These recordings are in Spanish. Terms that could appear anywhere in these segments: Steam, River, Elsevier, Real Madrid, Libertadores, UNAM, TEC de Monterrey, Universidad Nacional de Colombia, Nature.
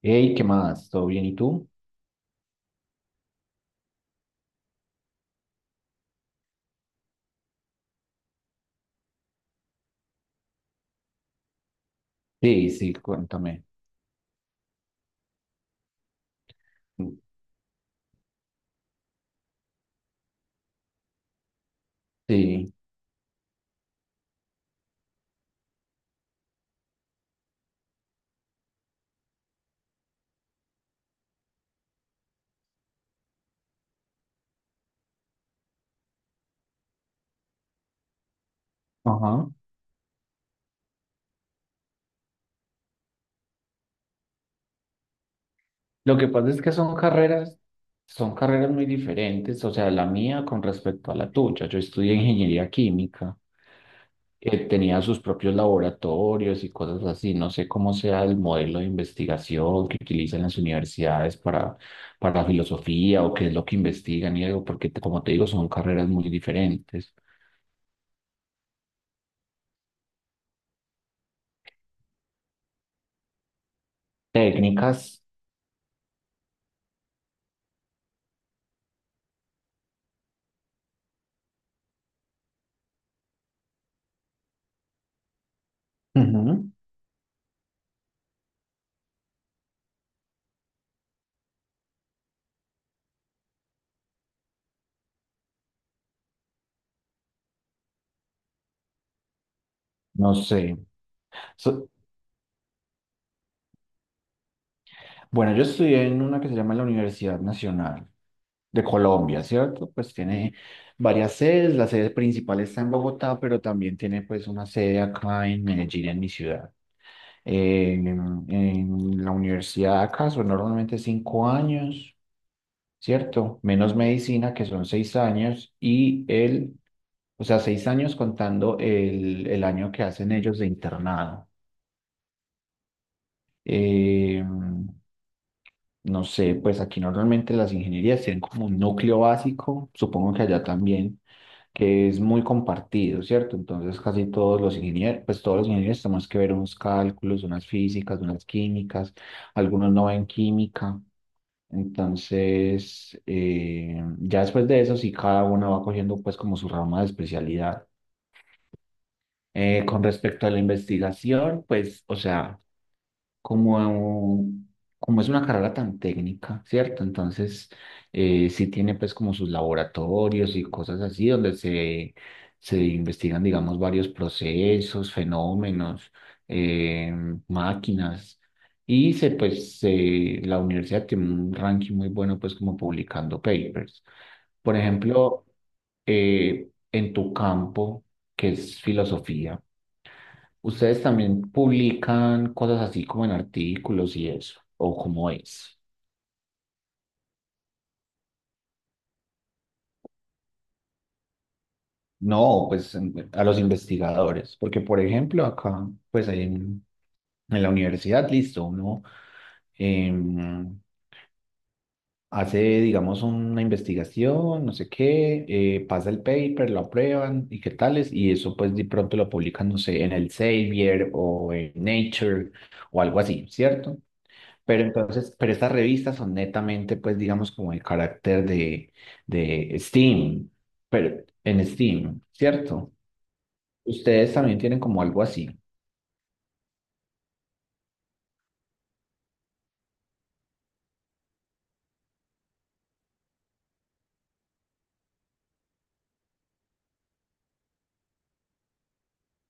Hey, ¿qué más? ¿Todo bien? ¿Y tú? Sí, sí, cuéntame. Sí, ajá. Lo que pasa es que son carreras muy diferentes, o sea, la mía con respecto a la tuya. Yo estudié ingeniería química, tenía sus propios laboratorios y cosas así. No sé cómo sea el modelo de investigación que utilizan las universidades para filosofía o qué es lo que investigan y algo, porque como te digo, son carreras muy diferentes. Técnicas, ujú, no sé. So, bueno, yo estudié en una que se llama la Universidad Nacional de Colombia, ¿cierto? Pues tiene varias sedes, la sede principal está en Bogotá, pero también tiene pues una sede acá en Medellín, en mi ciudad. En la universidad acá son normalmente cinco años, ¿cierto? Menos medicina, que son seis años, o sea, seis años contando el año que hacen ellos de internado. Em, No sé, pues aquí normalmente las ingenierías tienen como un núcleo básico, supongo que allá también, que es muy compartido, ¿cierto? Entonces casi todos los ingenieros, pues todos los ingenieros tenemos que ver unos cálculos, unas físicas, unas químicas, algunos no ven química. Entonces, ya después de eso, sí, cada uno va cogiendo pues como su rama de especialidad. Con respecto a la investigación, pues, o sea, como, como es una carrera tan técnica, ¿cierto? Entonces, sí tiene pues como sus laboratorios y cosas así donde se investigan, digamos, varios procesos, fenómenos, eh, máquinas. Y se, pues, la universidad tiene un ranking muy bueno, pues, como publicando papers. Por ejemplo, en tu campo, que es filosofía, ¿ustedes también publican cosas así como en artículos y eso? ¿O cómo es? No, pues a los investigadores, porque por ejemplo acá, en la universidad, listo, uno em, hace, digamos, una investigación, no sé qué, pasa el paper, lo aprueban y qué tales, y eso pues de pronto lo publican, no sé, en el Elsevier o en Nature o algo así, ¿cierto? Pero entonces, pero estas revistas son netamente, pues, digamos, como el carácter de Steam, pero en Steam, ¿cierto? Ustedes también tienen como algo así.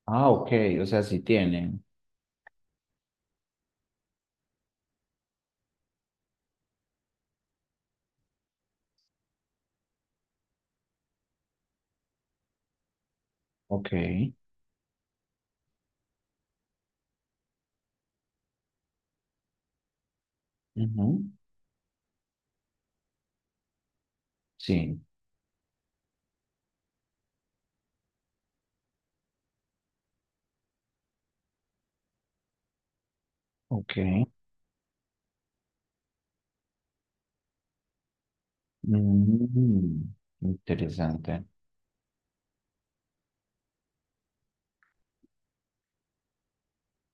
Ah, ok, o sea, sí tienen. Ok, ujú, sí, ok. Mm, interesante.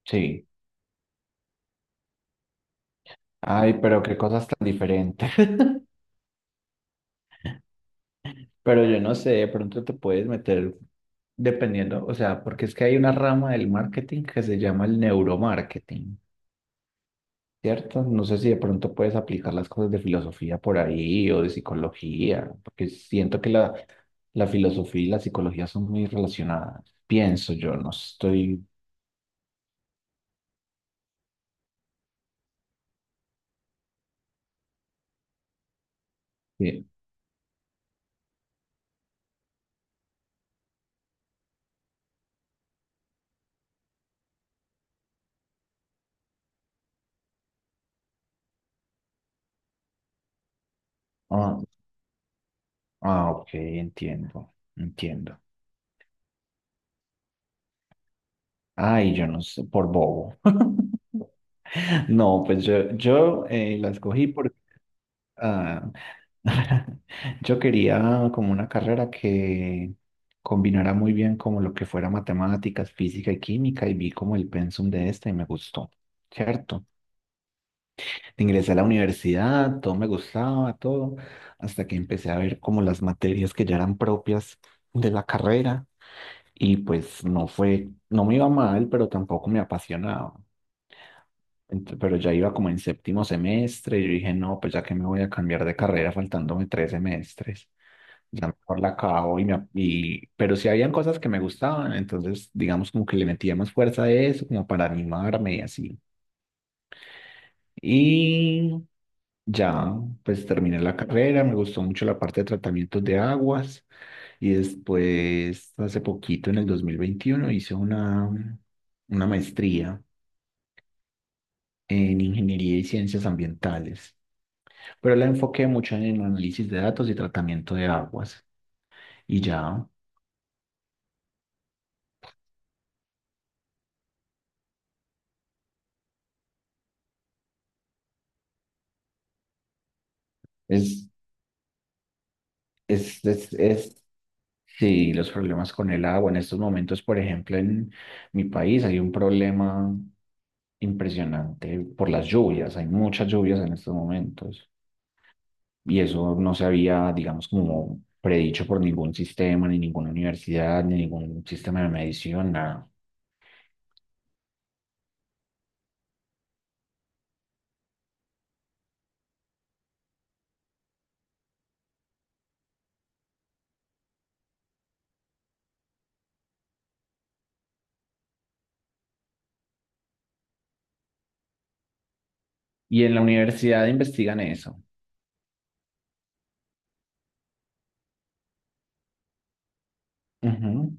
Sí. Ay, pero qué cosas tan diferentes. Pero yo no sé, de pronto te puedes meter dependiendo, o sea, porque es que hay una rama del marketing que se llama el neuromarketing. ¿Cierto? No sé si de pronto puedes aplicar las cosas de filosofía por ahí o de psicología, porque siento que la filosofía y la psicología son muy relacionadas. Pienso yo, no estoy... bien. Ah, ah, ok, entiendo, entiendo. Ay, yo no sé, por bobo. No, pues yo la escogí porque ah, yo quería como una carrera que combinara muy bien como lo que fuera matemáticas, física y química y vi como el pensum de esta y me gustó, ¿cierto? Ingresé a la universidad, todo me gustaba, todo, hasta que empecé a ver como las materias que ya eran propias de la carrera y pues no fue, no me iba mal, pero tampoco me apasionaba. Pero ya iba como en séptimo semestre y yo dije, no, pues ya que me voy a cambiar de carrera faltándome tres semestres, ya mejor la acabo y pero sí habían cosas que me gustaban, entonces digamos como que le metía más fuerza a eso, como para animarme y así. Y ya, pues terminé la carrera, me gustó mucho la parte de tratamientos de aguas y después, hace poquito, en el 2021 hice una maestría en ingeniería y ciencias ambientales, pero la enfoqué mucho en análisis de datos y tratamiento de aguas. Y ya, es, es, es, es, sí, los problemas con el agua. En estos momentos, por ejemplo, en mi país hay un problema impresionante por las lluvias. Hay muchas lluvias en estos momentos. Y eso no se había, digamos, como predicho por ningún sistema, ni ninguna universidad, ni ningún sistema de medición, nada. Y en la universidad investigan eso. Ujú,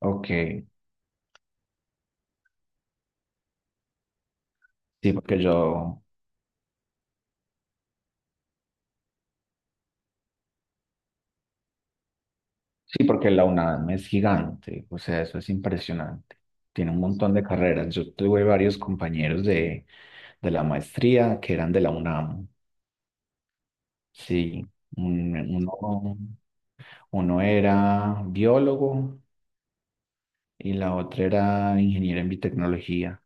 ok, sí, porque yo, sí, porque la UNAM es gigante, o sea, eso es impresionante. Tiene un montón de carreras. Yo tuve varios compañeros de la maestría que eran de la UNAM. Sí, un- uno, uno era biólogo y la otra era ingeniera en biotecnología.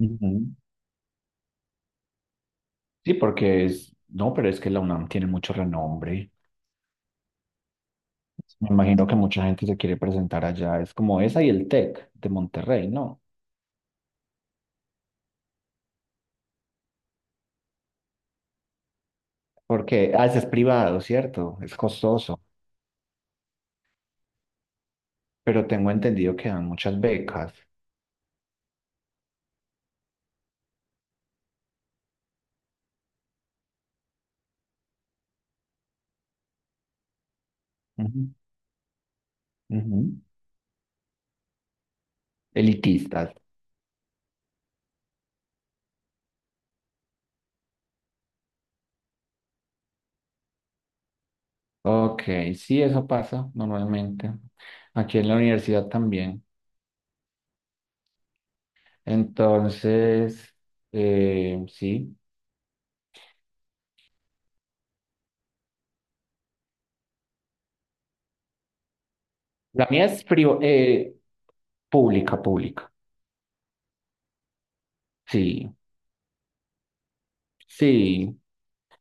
Ujú. Sí, porque es, no, pero es que la UNAM tiene mucho renombre. Me imagino que mucha gente se quiere presentar allá. Es como esa y el TEC de Monterrey, ¿no? Porque, ah, ese es privado, ¿cierto? Es costoso, pero tengo entendido que dan muchas becas. Ujú, ujú. Elitistas. Ok, sí, eso pasa normalmente. Aquí en la universidad también. Entonces, sí. La mía es pública, pública. Sí, sí.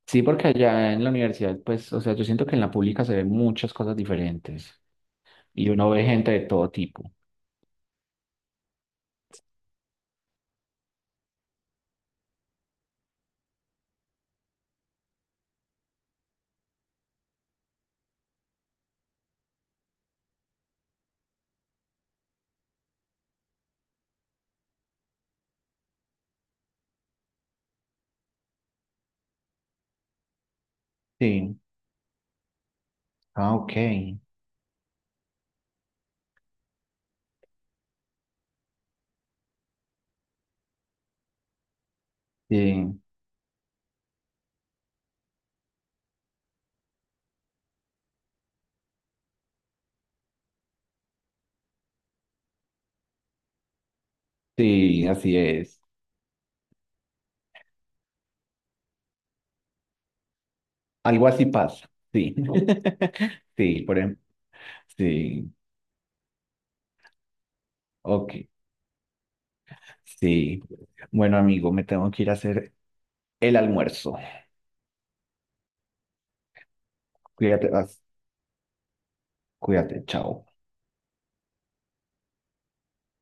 Sí, porque allá en la universidad, pues, o sea, yo siento que en la pública se ven muchas cosas diferentes y uno ve gente de todo tipo. Sí. Ah, ok. Sí, sí, así es. Algo así pasa. Sí. Sí, por ejemplo. Sí, ok. Sí. Bueno, amigo, me tengo que ir a hacer el almuerzo. Cuídate, vas. Cuídate, chao.